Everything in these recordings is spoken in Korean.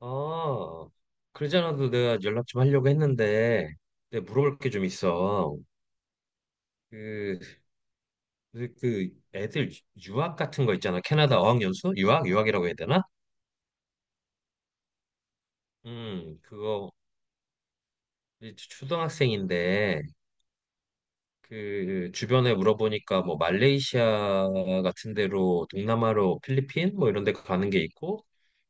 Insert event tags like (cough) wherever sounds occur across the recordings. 아, 그러지 않아도 내가 연락 좀 하려고 했는데, 내가 물어볼 게 좀 있어. 그, 그 애들 유학 같은 거 있잖아. 캐나다 어학연수? 유학? 유학이라고 해야 되나? 그거 이제 초등학생인데, 그 주변에 물어보니까 뭐 말레이시아 같은 데로 동남아로 필리핀 뭐 이런 데 가는 게 있고,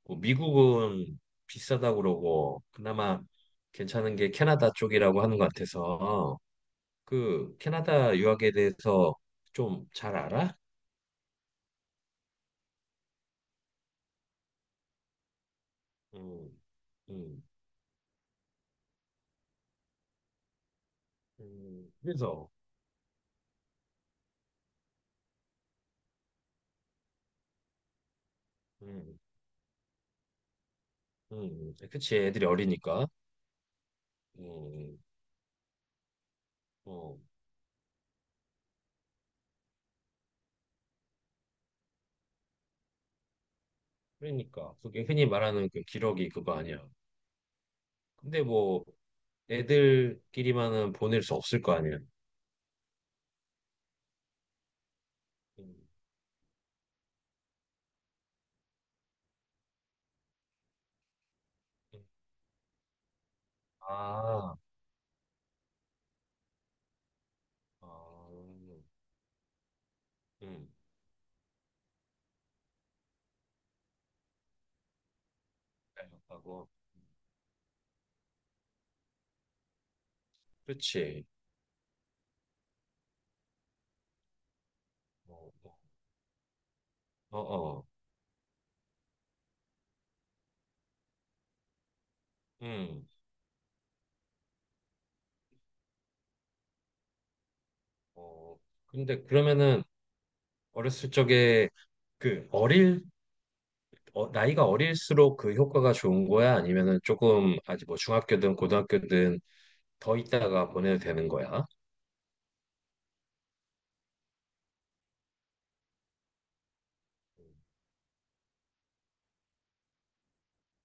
뭐 미국은 비싸다고 그러고, 그나마 괜찮은 게 캐나다 쪽이라고 하는 것 같아서. 그 캐나다 유학에 대해서 좀 잘 알아? 음, 음, 그래서, 음, 그치, 애들이 어리니까. 음, 음. 어, 그러니까. 그게 흔히 말하는 그 기러기 그거 아니야. 근데 뭐, 애들끼리만은 보낼 수 없을 거 아니야. 음, 음. 아, 아, 음, 하고. 그치. 어, 어, 어, 어. 음, 어. 근데 그러면은 어렸을 적에 그 어릴 나이가 어릴수록 그 효과가 좋은 거야? 아니면은 조금 아직 뭐 중학교든 고등학교든 더 있다가 보내도 되는 거야?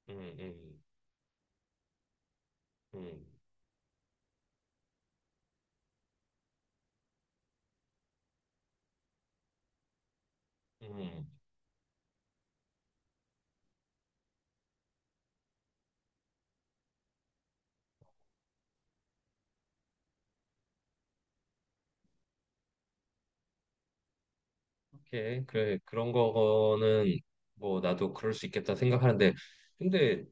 음, 음, 음, 음. 오케이. 그래, 그런 거는 뭐 나도 그럴 수 있겠다 생각하는데, 근데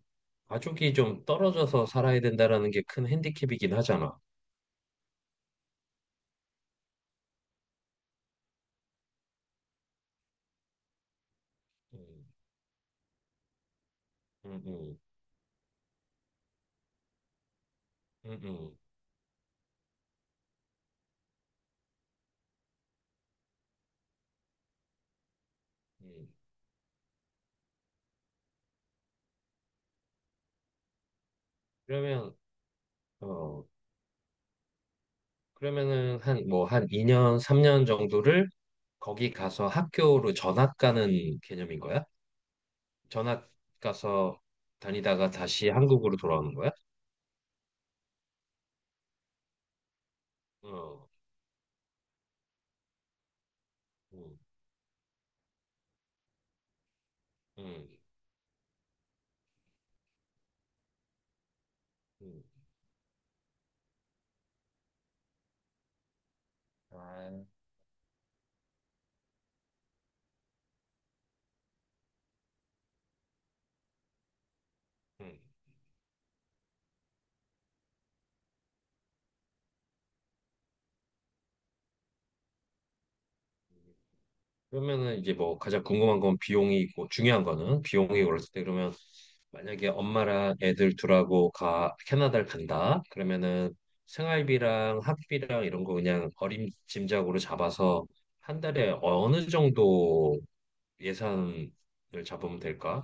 가족이 좀 떨어져서 살아야 된다라는 게 큰 핸디캡이긴 하잖아. 음, 음, 음, 음, 음. 음. 그러면, 어, 그러면은 뭐, 한 2년, 3년 정도를 거기 가서 학교로 전학 가는 개념인 거야? 전학 가서 다니다가 다시 한국으로 돌아오는 거야? 어, 음, 음, 음, 아, 음. 그러면은 이제 뭐 가장 궁금한 건 비용이 있고 중요한 거는 비용이 올랐을 때 그러면 만약에 엄마랑 애들 둘하고 가 캐나다를 간다 그러면은 생활비랑 학비랑 이런 거 그냥 어림짐작으로 잡아서 한 달에 어느 정도 예산을 잡으면 될까?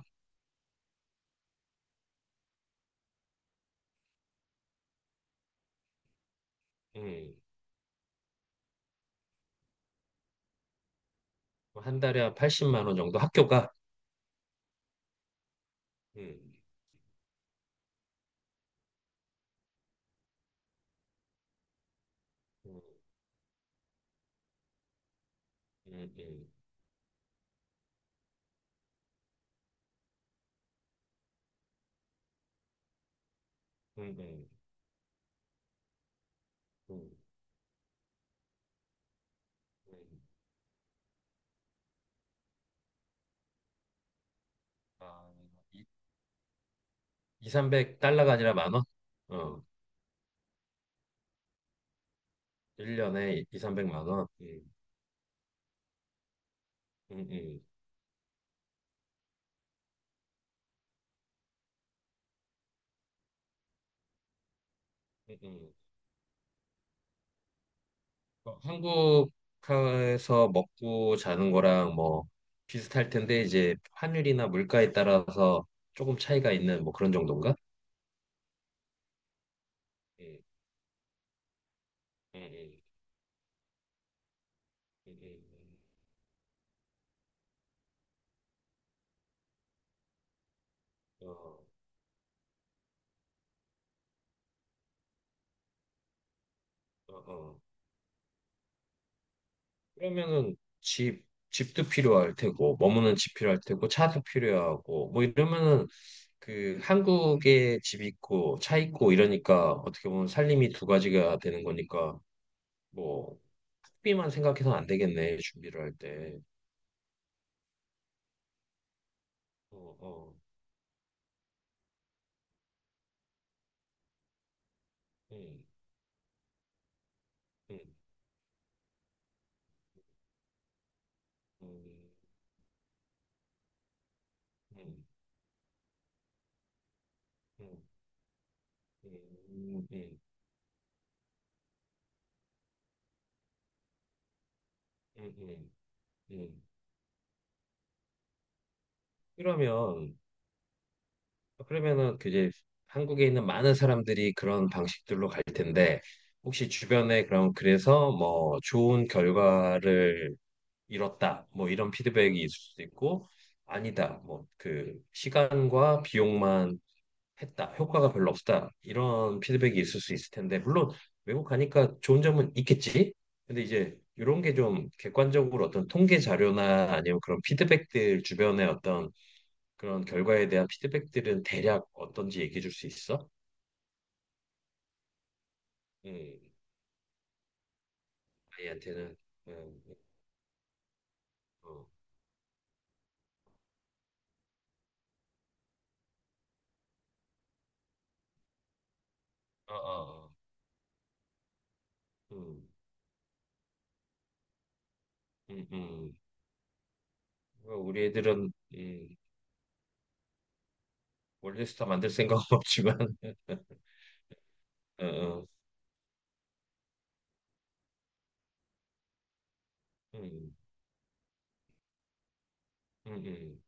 음, 한 달에 한 80만 원 정도 학교가. 음, 음, 음, 음, 음, 음, 음, 음. 아, 이- 300달러가 아니라 만 원? 어, 1년에 2, 300만 원. 음, 음, 음, 음. 어, 한국에서 먹고 자는 거랑 뭐 비슷할 텐데 이제 환율이나 물가에 따라서 조금 차이가 있는 뭐 그런 정도인가? 음, 음, 음, 음, 어, 어, 어. 그러면은 집, 집도 필요할 테고, 머무는 집 필요할 테고, 차도 필요하고, 뭐 이러면은 그 한국에 집 있고, 차 있고 이러니까 어떻게 보면 살림이 두 가지가 되는 거니까, 뭐, 학비만 생각해서는 안 되겠네, 준비를 할 때. 어, 어, 음, 음, 음, 음, 음, 음, 음, 음, 음, 음. 그러면 그러면은 그 이제 한국에 있는 많은 사람들이 그런 방식들로 갈 텐데 혹시 주변에 그럼 그래서 뭐 좋은 결과를 이뤘다 뭐 이런 피드백이 있을 수도 있고 아니다 뭐 그 시간과 비용만 했다 효과가 별로 없다 이런 피드백이 있을 수 있을 텐데 물론 외국 가니까 좋은 점은 있겠지. 근데 이제 이런 게 좀 객관적으로 어떤 통계 자료나 아니면 그런 피드백들 주변에 어떤 그런 결과에 대한 피드백들은 대략 어떤지 얘기해 줄 수 있어? 음, 아이한테는. 음, 어, 어, 어, 어. 음, 음, 음. 어, 우리 애들은 월드스타 만들 생각은 (laughs) 없지만, 어, 어, 음, 음, 음,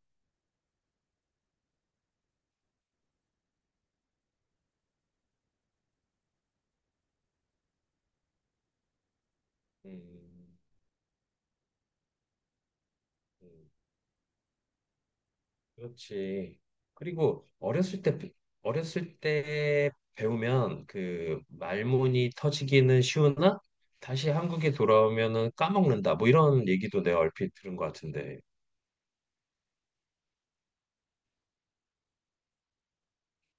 음, 음. 그렇지. 그리고 어렸을 때 배우면 그 말문이 터지기는 쉬우나 다시 한국에 돌아오면은 까먹는다. 뭐 이런 얘기도 내가 얼핏 들은 것 같은데.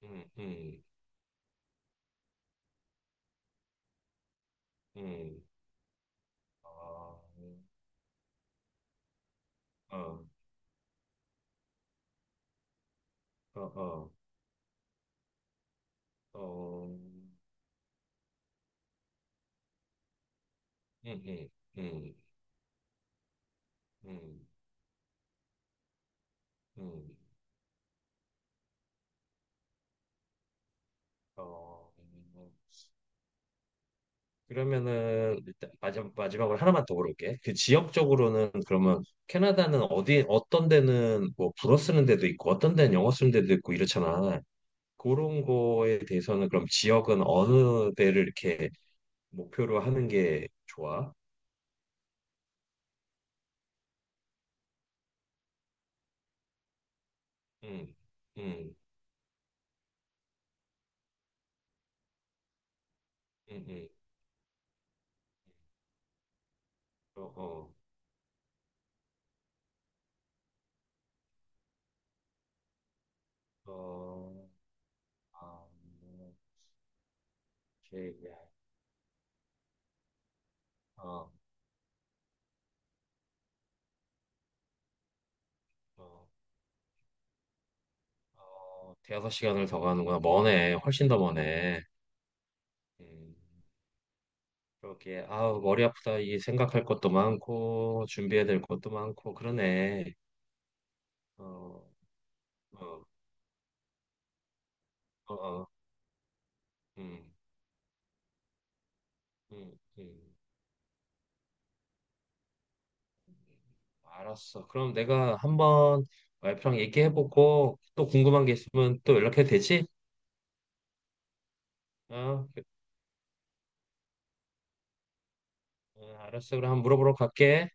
음, 음. 음, 아, 어, 어, 어, 어, 음, 음, 음, 음, 어. 음. 그러면은 일단 마지막으로 하나만 더 물어볼게. 그 지역적으로는 그러면 캐나다는 어디 어떤 데는 뭐 불어 쓰는 데도 있고 어떤 데는 영어 쓰는 데도 있고 이렇잖아. 그런 거에 대해서는 그럼 지역은 어느 데를 이렇게 목표로 하는 게 좋아? 음, 음, 음, 음, 어, 어, 어. 아, 오케이. 예. 어, 어, 어, 대여섯 시간을 더 가는구나. 머네. 훨씬 더 머네. 음, 그렇게, 아우, 머리 아프다. 이 생각할 것도 많고, 준비해야 될 것도 많고, 그러네. 어, 어, 어, 어, 음, 음, 음. 음. 알았어. 그럼 내가 한번 와이프랑 얘기해보고, 또 궁금한 게 있으면 또 연락해도 되지? 어, 어, 알았어. 그럼 한번 물어보러 갈게.